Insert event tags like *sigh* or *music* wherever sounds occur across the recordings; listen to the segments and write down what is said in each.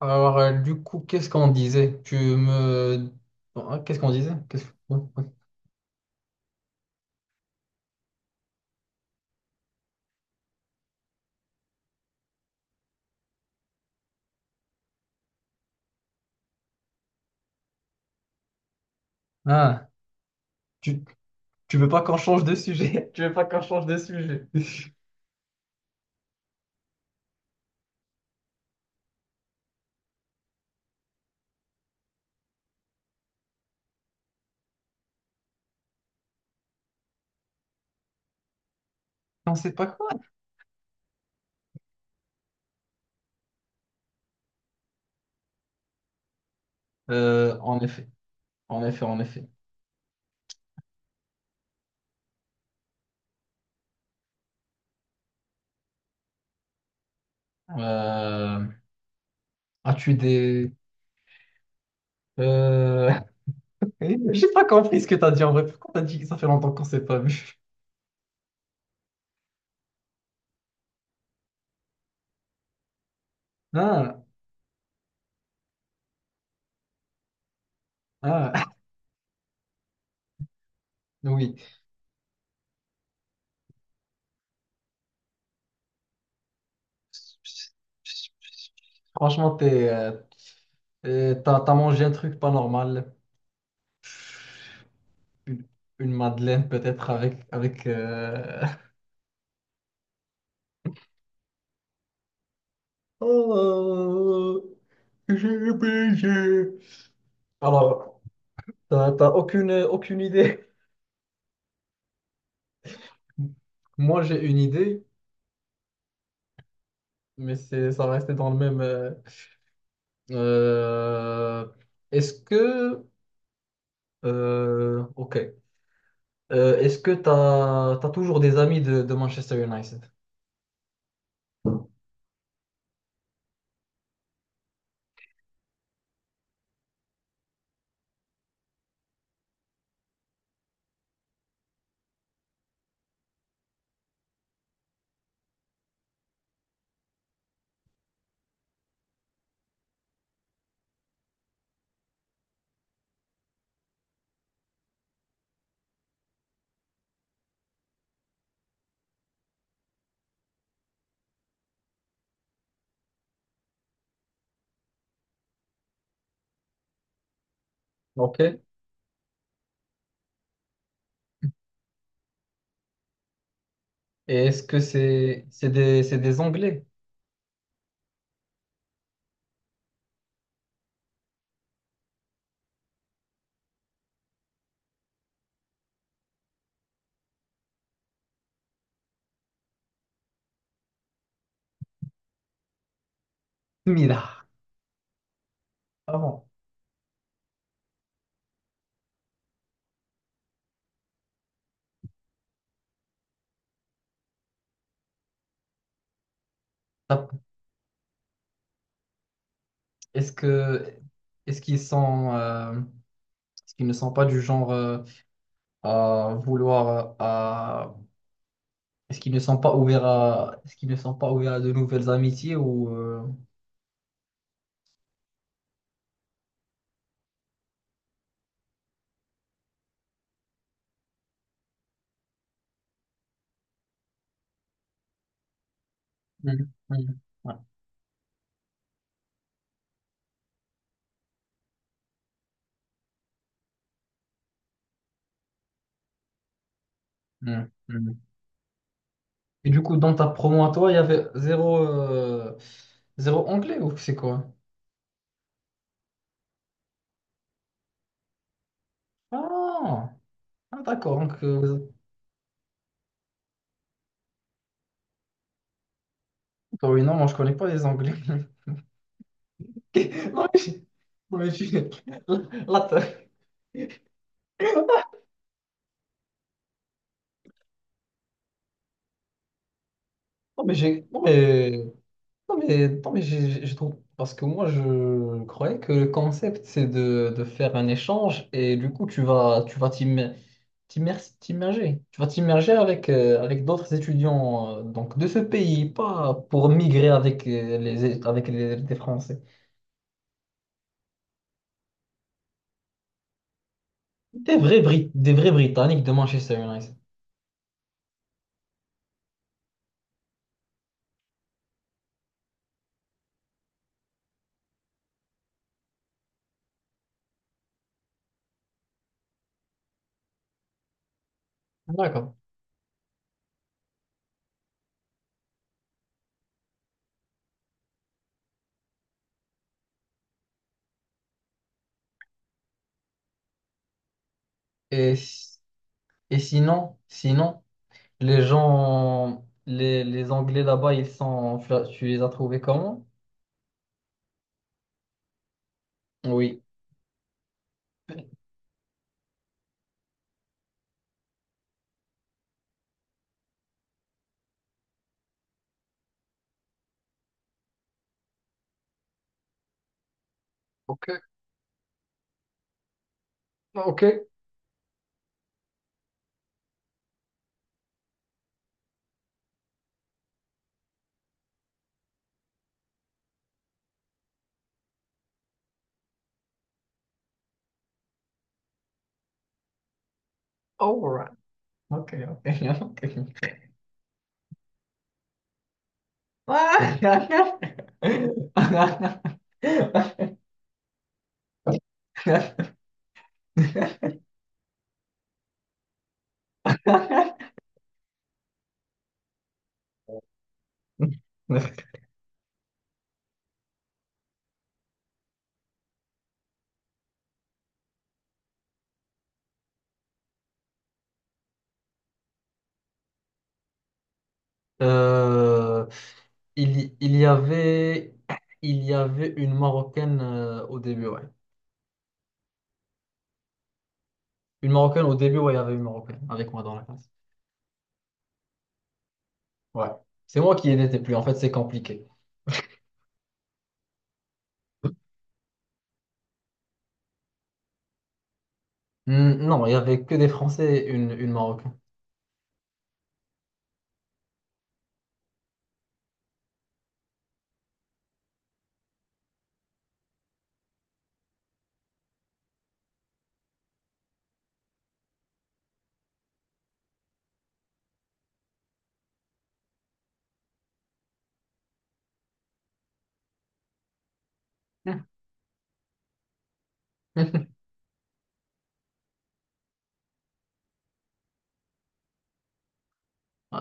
Alors, qu'est-ce qu'on disait? Tu me... qu'est-ce qu'on disait? Bon, ouais. Ah, tu, tu veux pas qu'on change de sujet? *laughs* Tu veux pas qu'on change de sujet? *laughs* On sait pas quoi? Euh, en effet, en effet, en effet. Euh, As-tu des... Euh... *laughs* J'ai pas compris ce que t'as dit en vrai. Pourquoi t'as dit que ça fait longtemps qu'on s'est pas vu? Ah, ah, *laughs* oui. Franchement, t'as mangé un truc pas normal. Une, une madeleine peut-être avec... Oh, j'ai oublié. Alors, t'as aucune, aucune idée? Moi, j'ai une idée, mais ça restait dans le même. Euh, Est-ce que. Ok. Est-ce que t'as toujours des amis de Manchester United? Ok. Et est-ce que c'est des Anglais? Mila. Ah bon. T'as- Est-ce que est-ce qu'ils sont est-ce qu'ils ne sont pas du genre à vouloir à... Est-ce qu'ils ne sont pas ouverts à... Est-ce qu'ils ne sont pas ouverts à de nouvelles amitiés ou... Mhm, mhm, ouais, mhm, mhm. Et du coup, dans ta promo à toi, il y avait zéro anglais ou c'est quoi? Ah, Ah, d'accord. Donc, vous- Ah oui, non, moi, je connais pas les anglais. *laughs* Non, mais j'ai... non, mais j'ai- Là, t'as- *laughs* non, mais j'ai... Non mais, non, mais je trouve, parce que moi je croyais que le concept c'est de faire un échange et du coup tu vas t'immerger. Tu vas t'immerger avec d'autres étudiants donc de ce pays, pas pour migrer avec avec les, des Français. Des vrais, des vrais Britanniques de Manchester United. D'accord. Et, si- Et sinon, sinon, les Anglais là-bas, ils sont, tu les as trouvés comment? Oui. Ok. Okay. All right. Okay, okay, *laughs* okay. Euh, il y avait, il y avait une Marocaine au début, ouais. Une Marocaine au début, ouais, il y avait une Marocaine avec moi dans la classe. Ouais. C'est moi qui n'étais plus, en fait, c'est compliqué. Hmm, non, il y avait que des Français et une Marocaine. *laughs* Euh,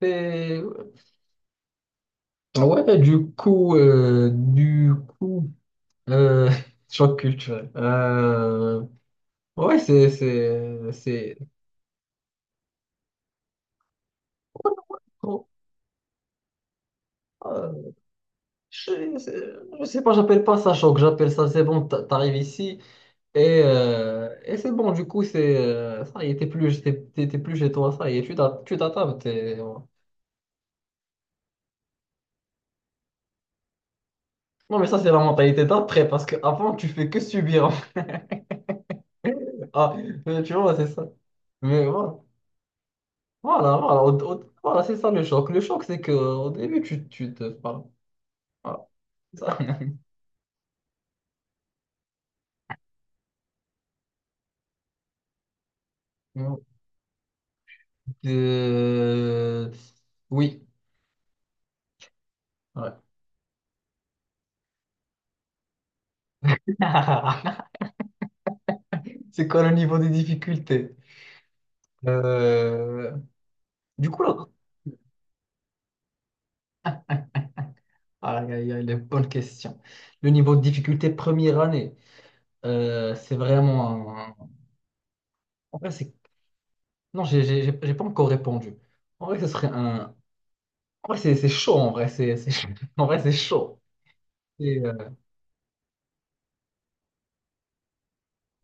c'est- Ah ouais, du coup, coup, euh, *laughs* choc culturel. Ouais, c'est. oh, euh, je, c'est- je sais pas, j'appelle pas ça choc, j'appelle ça c'est bon, t'arrives ici et c'est bon. Du coup, c'est ça, y est, t'es plus chez toi, ça y est, tu t'attapes. T'es- ouais. Non, mais ça c'est la mentalité d'après, parce qu'avant tu fais que subir. *laughs* Ah, Tu vois, c'est ça. Mais ouais. Voilà, voilà, voilà, c'est ça le choc. Le choc, c'est que au début, tu te. Voilà, voilà, c'est ça. *laughs* Euh, oui. Ouais. *laughs* C'est quoi le niveau des difficultés? Euh, Du coup, là, aïe, aïe, aïe, les bonnes questions. Le niveau de difficulté première année, c'est vraiment un- En vrai, c'est... Non, j'ai pas encore répondu. En vrai, ce serait un... En vrai, c'est chaud, en vrai, c'est chaud. *laughs* En vrai, c'est chaud.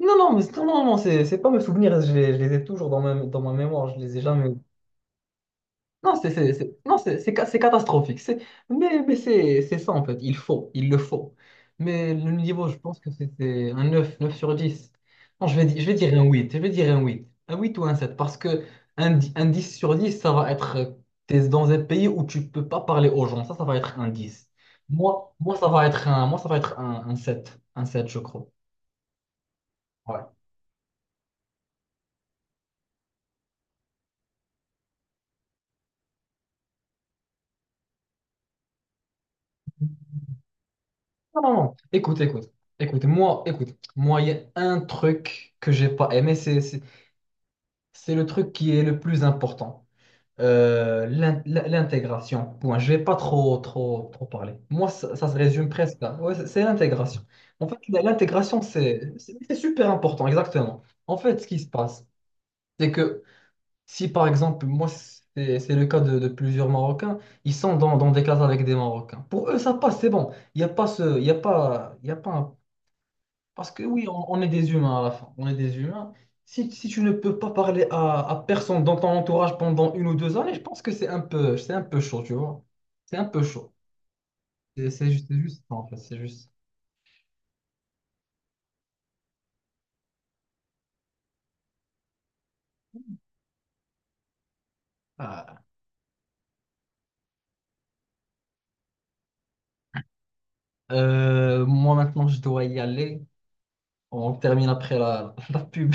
Non, non, mais non, non, non, c'est pas mes souvenirs, je les ai toujours dans dans ma mémoire, je les ai jamais. Non, non, c'est catastrophique, c'est mais c'est ça en fait, il le faut. Mais le niveau, je pense que c'était un neuf sur dix. Non, je vais dire un 8, je vais dire un 8 ou un 7 parce que un 10/10 ça va être t'es dans un pays où tu peux pas parler aux gens, ça va être un 10. Moi, ça va être un 7, je crois. Ouais. Non, non, non. Écoute, écoute, écoute, moi, il y a un truc que j'ai pas aimé, c'est le truc qui est le plus important. L'intégration. Point. Je vais pas trop, trop, trop parler. Moi, ça se résume presque là. Ouais, c'est l'intégration. En fait, l'intégration, c'est super important, exactement. En fait, ce qui se passe, c'est que si, par exemple, moi, c'est le cas de plusieurs Marocains, ils sont dans, dans des classes avec des Marocains. Pour eux, ça passe, c'est bon. Il n'y a pas ce, il y a pas, Il y a pas un, parce que oui, on est des humains à la fin. On est des humains. Si, si tu ne peux pas parler à personne dans ton entourage pendant une ou deux années, je pense que c'est un peu chaud, tu vois. C'est un peu chaud. C'est juste ça, en fait. C'est juste. Ah. Moi, maintenant, je dois y aller. On termine après *laughs* la pub.